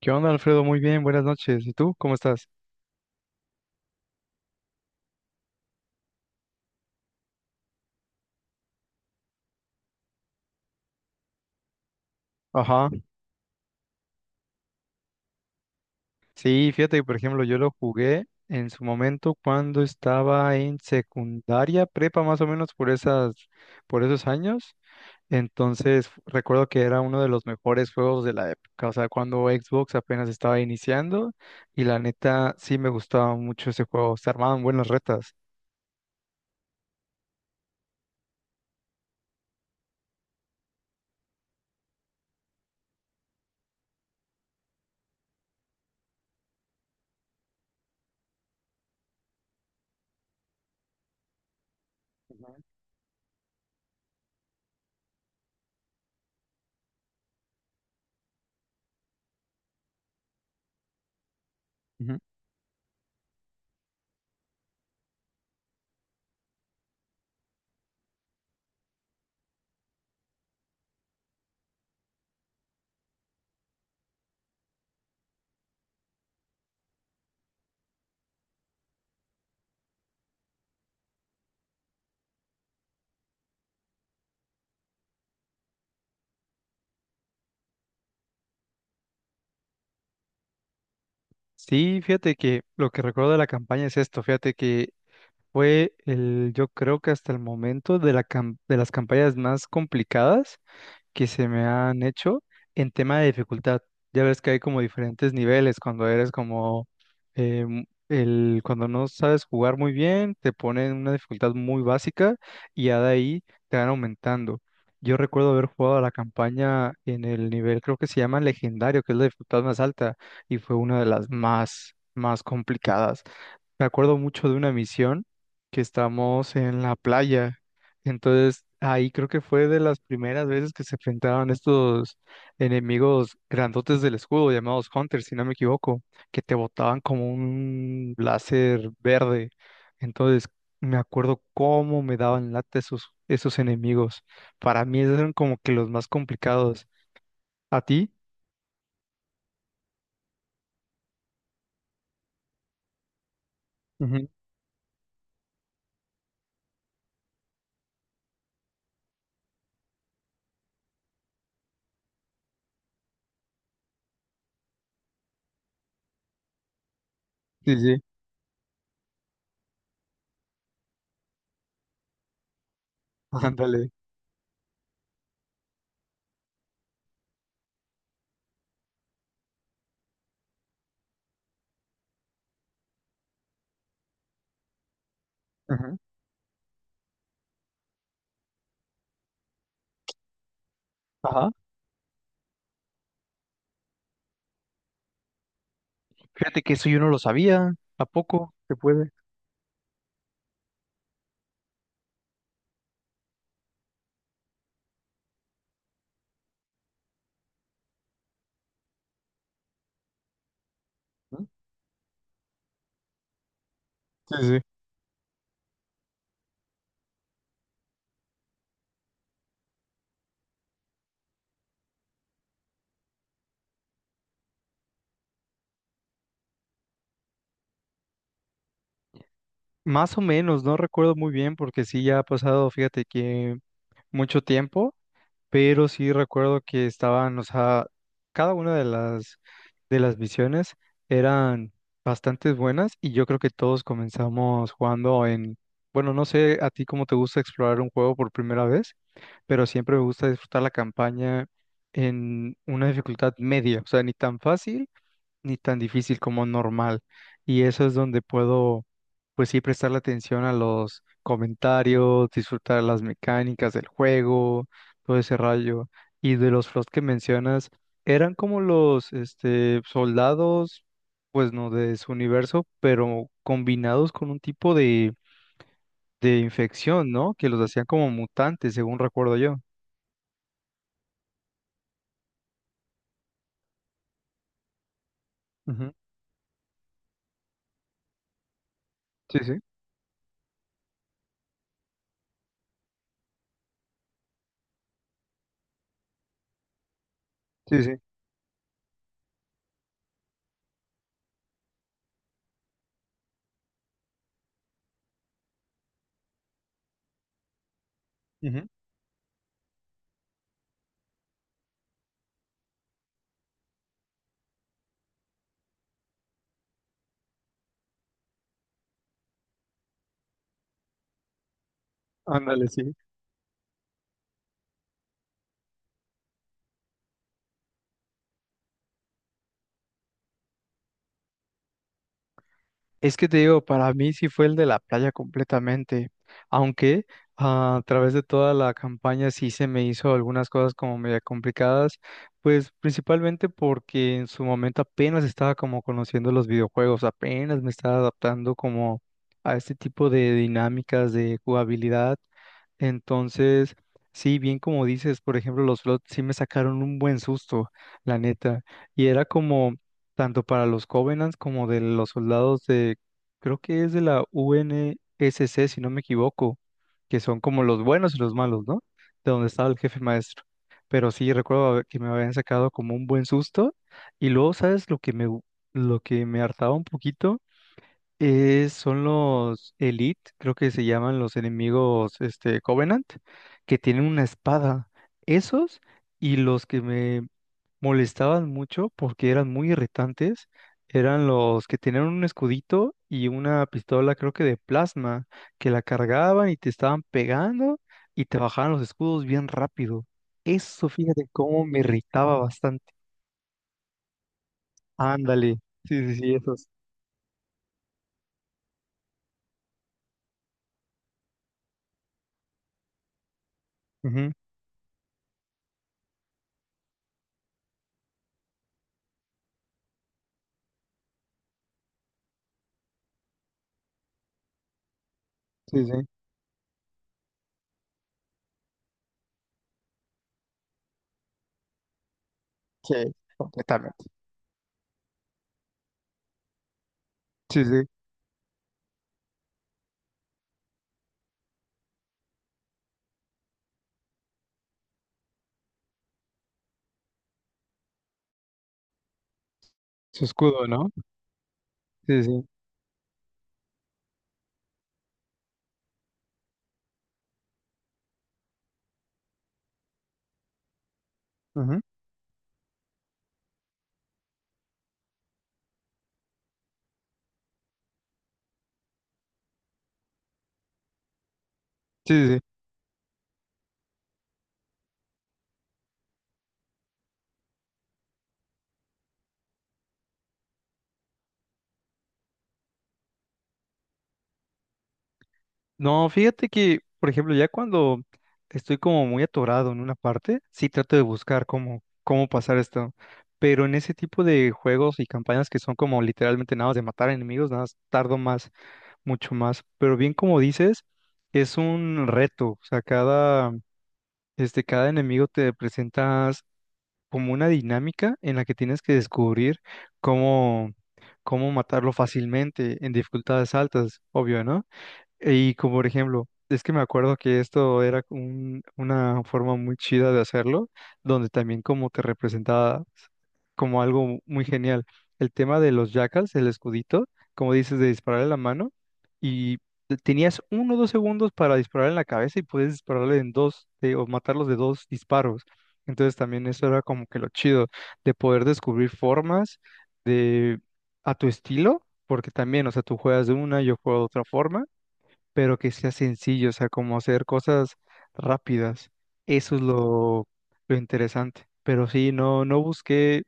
¿Qué onda, Alfredo? Muy bien, buenas noches. ¿Y tú? ¿Cómo estás? Ajá. Sí, fíjate que, por ejemplo, yo lo jugué en su momento cuando estaba en secundaria, prepa más o menos por esas, por esos años. Entonces, recuerdo que era uno de los mejores juegos de la época, o sea, cuando Xbox apenas estaba iniciando y la neta sí me gustaba mucho ese juego, se armaban buenas retas. Ujú. Sí, fíjate que lo que recuerdo de la campaña es esto, fíjate que fue el, yo creo que hasta el momento de la de las campañas más complicadas que se me han hecho en tema de dificultad. Ya ves que hay como diferentes niveles cuando eres como mu- el cuando no sabes jugar muy bien, te ponen una dificultad muy básica y ya de ahí te van aumentando. Yo recuerdo haber jugado a la campaña en el nivel, creo que se llama legendario, que es la dificultad más alta y fue una de las más más complicadas. Me acuerdo mucho de una misión que estamos en la playa, entonces, ahí creo que fue de las primeras veces que se enfrentaron estos enemigos grandotes del escudo, llamados Hunters, si no me equivoco, que te botaban como un láser verde. Entonces, me acuerdo cómo me daban lata esos, esos enemigos. Para mí, esos eran como que los más complicados. ¿A ti? Ujú. Sí, sí. Ándale. Ujú. Ajá. Fíjate que eso yo no lo sabía. ¿A poco? Se puede. ¿Mm? Sí, sí. Más o menos, no recuerdo muy bien porque sí ya ha pasado, fíjate que, mucho tiempo, pero sí recuerdo que estaban, o sea, cada una de las misiones eran bastante buenas y yo creo que todos comenzamos jugando en, bueno, no sé a ti cómo te gusta explorar un juego por primera vez, pero siempre me gusta disfrutar la campaña en una dificultad media, o sea, ni tan fácil ni tan difícil como normal. Y eso es donde puedo, pues sí, prestarle atención a los comentarios, disfrutar las mecánicas del juego, todo ese rayo. Y de los flots que mencionas, eran como los este, soldados, pues no, de su universo, pero combinados con un tipo de infección, ¿no? Que los hacían como mutantes, según recuerdo yo. Ujú. Sí, sí, sí, sí. Ujú. Ándale, sí. Es que te digo, para mí sí fue el de la playa completamente, aunque a través de toda la campaña sí se me hizo algunas cosas como media complicadas, pues principalmente porque en su momento apenas estaba como conociendo los videojuegos, apenas me estaba adaptando como a este tipo de dinámicas de jugabilidad. Entonces, sí, bien como dices, por ejemplo, los flots sí me sacaron un buen susto, la neta. Y era como, tanto para los Covenants como de los soldados de, creo que es de la UNSC, si no me equivoco, que son como los buenos y los malos, ¿no? De donde estaba el jefe maestro. Pero sí, que me habían sacado como un buen susto. Y luego, ¿sabes? Lo que me hartaba un poquito es, son los Elite, creo que se llaman los enemigos este, Covenant, que tienen una espada. Esos y los que me molestaban mucho porque eran muy irritantes. Eran los que tenían un escudito y una pistola, creo que de plasma, que la cargaban y te estaban pegando y te bajaban los escudos bien rápido. Eso, fíjate cómo me irritaba bastante. Ándale. Sí, sí, sí, esos. Ujú. Sí, sí. Sí, completamente. Sí, sí. Su escudo, ¿no? Sí, sí. Ujú. Sí, sí. Sí. No, fíjate que, por ejemplo, ya cuando estoy como muy atorado en una parte, sí trato de buscar cómo, cómo pasar esto. Pero en ese tipo de juegos y campañas que son como literalmente nada más de matar enemigos, nada más tardo más, mucho más. Pero bien como dices, es un reto. O sea, cada, este, cada enemigo te presentas como una dinámica en la que tienes que descubrir cómo, cómo matarlo fácilmente en dificultades altas, obvio, ¿no? Y como por ejemplo, es que me acuerdo que una forma muy chida de hacerlo, donde también como que representaba como algo muy genial. El tema de los jackals, el escudito, como dices, de dispararle la mano, y tenías uno o dos segundos para dispararle en la cabeza y puedes dispararle en dos, o matarlos de dos disparos. Entonces también eso era como que lo chido, de poder descubrir formas de a tu estilo, porque también, o sea, tú juegas de una, yo juego de otra forma, pero que sea sencillo, o sea, como hacer cosas rápidas. Eso es lo interesante. Pero sí, no, no busqué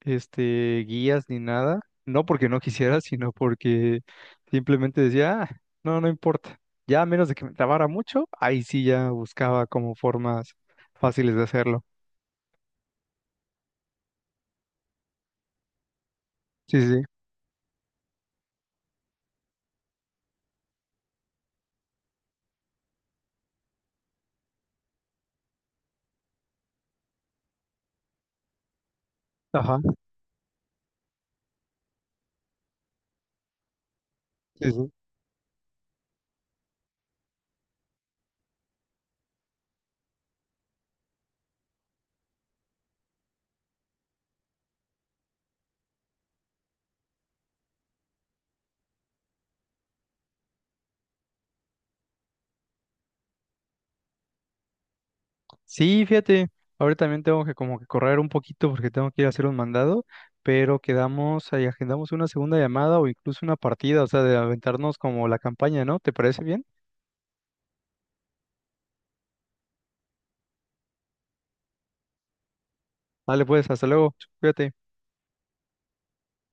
este guías ni nada, no porque no quisiera, sino porque simplemente decía, "Ah, no, no importa". Ya a menos de que me trabara mucho, ahí sí ya buscaba como formas fáciles de hacerlo. Sí, sí. Ajá. Sí, sí. Sí, fíjate, ahora también tengo que como que correr un poquito porque tengo que ir a hacer un mandado, pero quedamos ahí, agendamos una segunda llamada o incluso una partida, o sea, de aventarnos como la campaña, ¿no? ¿Te parece bien? Dale pues, hasta luego, cuídate.